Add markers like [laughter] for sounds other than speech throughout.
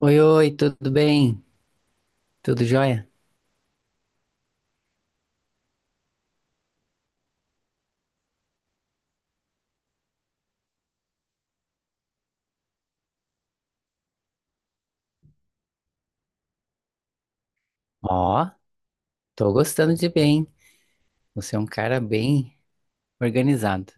Oi, oi, tudo bem? Tudo jóia? Ó, tô gostando de bem. Você é um cara bem organizado.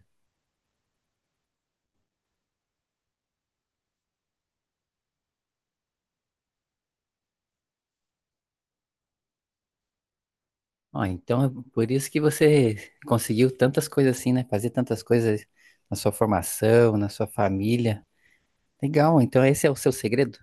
Ó, então é por isso que você conseguiu tantas coisas assim, né? Fazer tantas coisas na sua formação, na sua família. Legal, então esse é o seu segredo?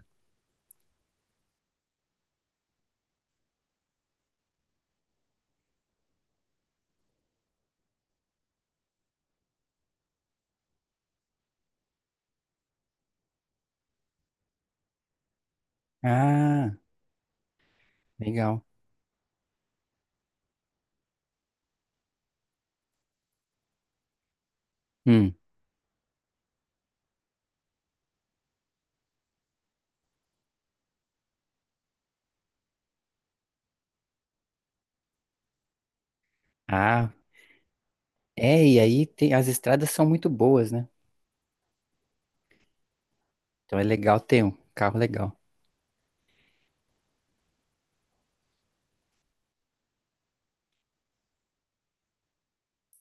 Ah, legal. Hum. Ah. É, e aí tem, as estradas são muito boas, né? Então é legal ter um carro legal.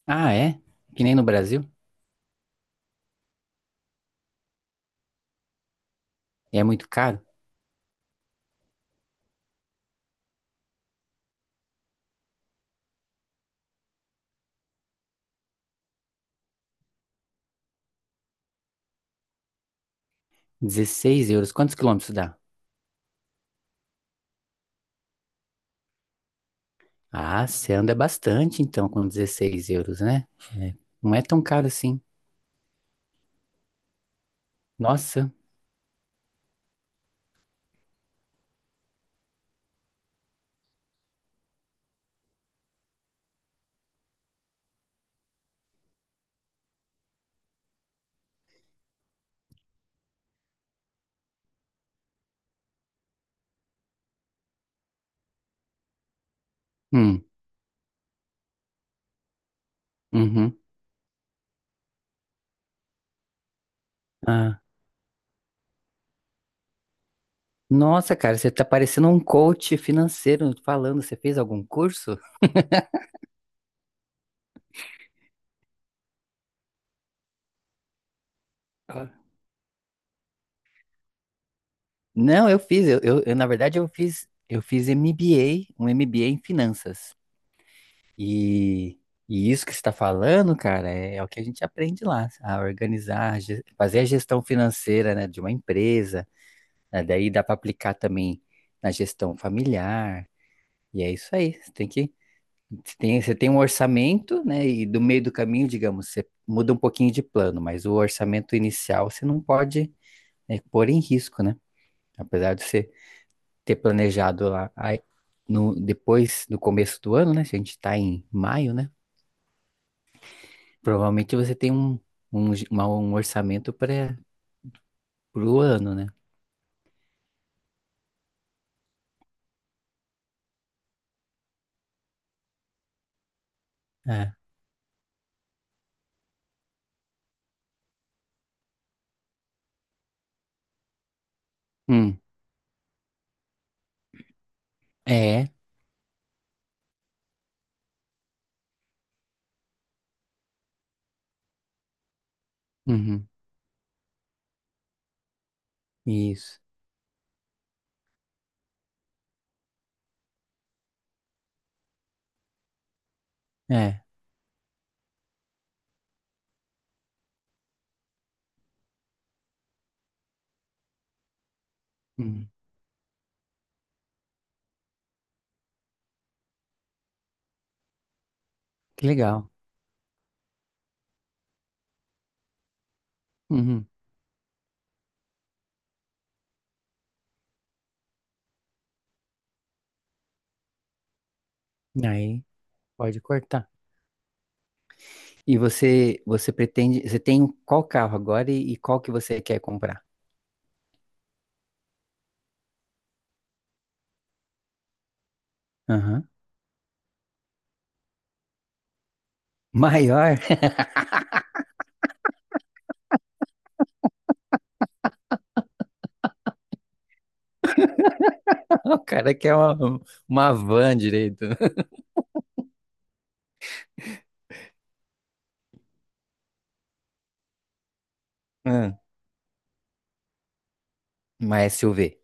Ah, é? Que nem no Brasil? É muito caro? 16 euros. Quantos quilômetros dá? Ah, você anda bastante então com 16 euros, né? É, não é tão caro assim. Nossa. Hum. Uhum. Ah, nossa, cara, você tá parecendo um coach financeiro falando. Você fez algum curso? Ah. Não, eu fiz. Eu, na verdade, eu fiz MBA, um MBA em finanças. E, e isso que você está falando, cara, é o que a gente aprende lá, a organizar, fazer a gestão financeira, né, de uma empresa. Né? Daí dá para aplicar também na gestão familiar. E é isso aí. Você tem que. Você tem um orçamento, né? E do meio do caminho, digamos, você muda um pouquinho de plano, mas o orçamento inicial você não pode, né, pôr em risco, né? Apesar de você ter planejado lá aí, no, depois, no começo do ano, né? Se a gente está em maio, né? Provavelmente você tem um orçamento para o ano, né? É. Hum. É. Uhum. Isso. É. Uhum. Que legal. Uhum. Aí pode cortar. E você pretende, você tem qual carro agora e qual que você quer comprar? Aham. Maior? [laughs] O cara quer uma van direito. [laughs] Hum. Uma SUV.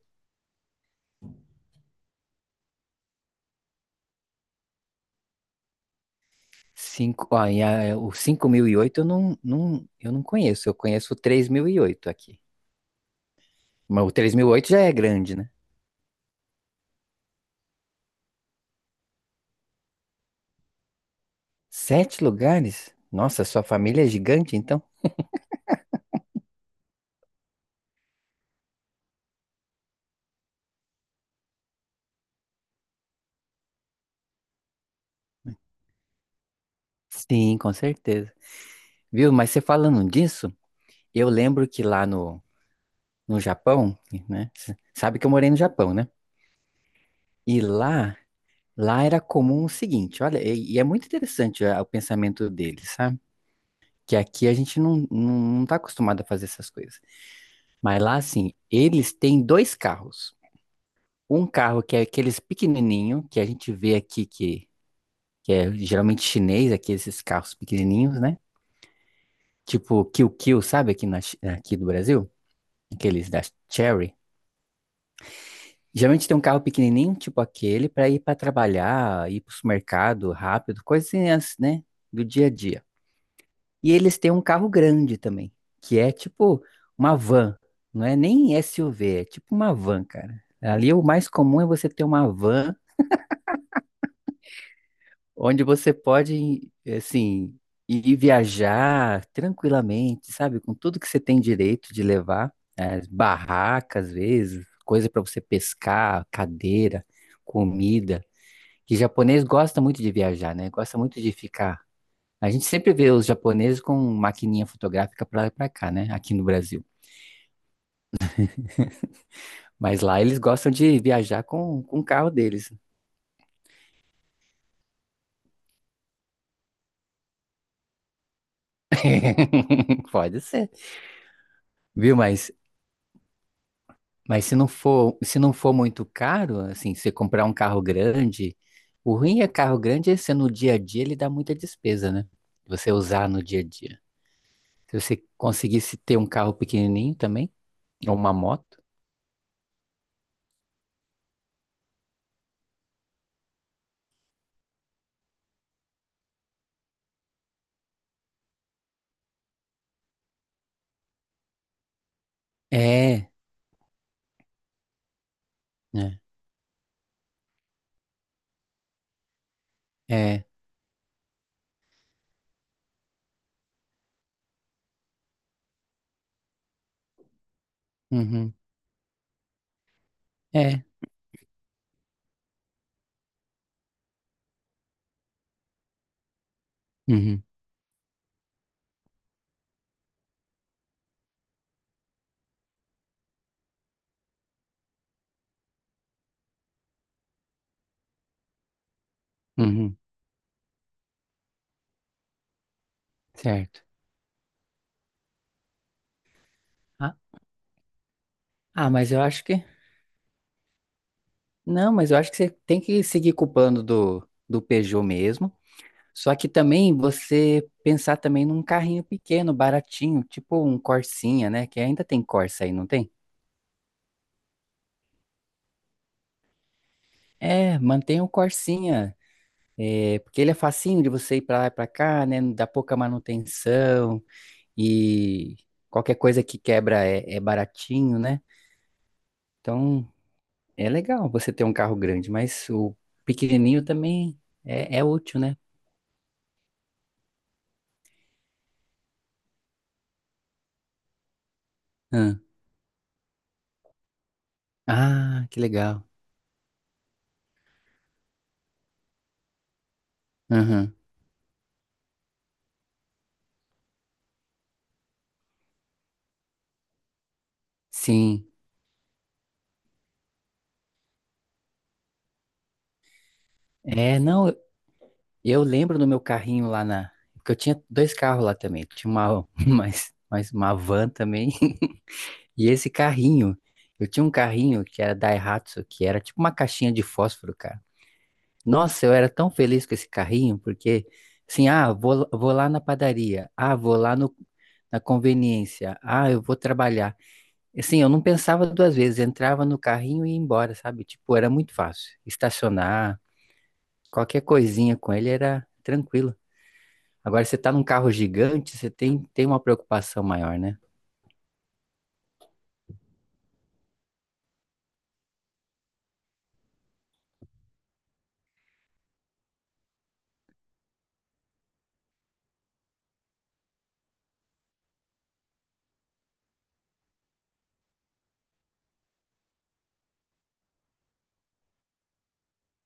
Ó, o 5008 eu não, não, eu não conheço, eu conheço o 3008 aqui. Mas o 3008 já é grande, né? Sete lugares? Nossa, sua família é gigante, então? Sim, com certeza. Viu? Mas você falando disso, eu lembro que lá no Japão, né? Sabe que eu morei no Japão, né? E lá era comum o seguinte, olha, e é muito interessante o pensamento deles, sabe? Que aqui a gente não tá acostumado a fazer essas coisas. Mas lá, assim, eles têm 2 carros. Um carro que é aqueles pequenininho, que a gente vê aqui que é geralmente chinês, aqui esses carros pequenininhos, né? Tipo Kill Kill, sabe? Aqui do Brasil, aqueles da Cherry. Geralmente tem um carro pequenininho, tipo aquele, para ir para trabalhar, ir para o supermercado rápido, coisinhas, né? Do dia a dia. E eles têm um carro grande também, que é tipo uma van. Não é nem SUV, é tipo uma van, cara. Ali o mais comum é você ter uma van onde você pode, assim, ir viajar tranquilamente, sabe? Com tudo que você tem direito de levar, né? Barracas, às vezes, coisa para você pescar, cadeira, comida. Que japonês gosta muito de viajar, né? Gosta muito de ficar. A gente sempre vê os japoneses com maquininha fotográfica pra lá e pra cá, né? Aqui no Brasil. Mas lá eles gostam de viajar com o carro deles. [laughs] Pode ser. Viu? Mas se não for muito caro, assim, você comprar um carro grande, o ruim é carro grande é ser no dia a dia ele dá muita despesa, né? Você usar no dia a dia. Se você conseguisse ter um carro pequenininho também, ou uma moto. É, né? É. Uhum, é. Uhum, uhum, certo. Ah, ah, mas eu acho que. Não, mas eu acho que você tem que seguir com o plano do Peugeot mesmo. Só que também você pensar também num carrinho pequeno, baratinho, tipo um Corsinha, né? Que ainda tem Corsa aí, não tem? É, mantém o Corsinha, é, porque ele é facinho de você ir pra lá e pra cá, né? Dá pouca manutenção e qualquer coisa que quebra é baratinho, né? Então é legal você ter um carro grande, mas o pequenininho também é útil, né? Ah, ah, que legal. Sim, é, não, eu lembro do meu carrinho lá porque eu tinha 2 carros lá também, tinha uma, [laughs] mais uma van também, [laughs] e esse carrinho, eu tinha um carrinho que era Daihatsu, que era tipo uma caixinha de fósforo, cara. Nossa, eu era tão feliz com esse carrinho, porque, assim, ah, vou lá na padaria, ah, vou lá no, na conveniência, ah, eu vou trabalhar. Assim, eu não pensava duas vezes, entrava no carrinho e ia embora, sabe? Tipo, era muito fácil, estacionar. Qualquer coisinha com ele era tranquilo. Agora você tá num carro gigante, você tem uma preocupação maior, né?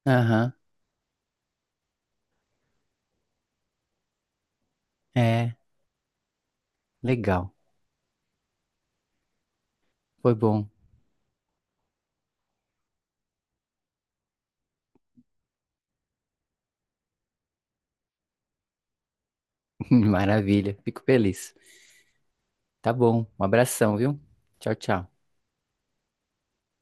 Aham, é, legal. Foi bom. [laughs] Maravilha, fico feliz. Tá bom, um abração, viu? Tchau, tchau.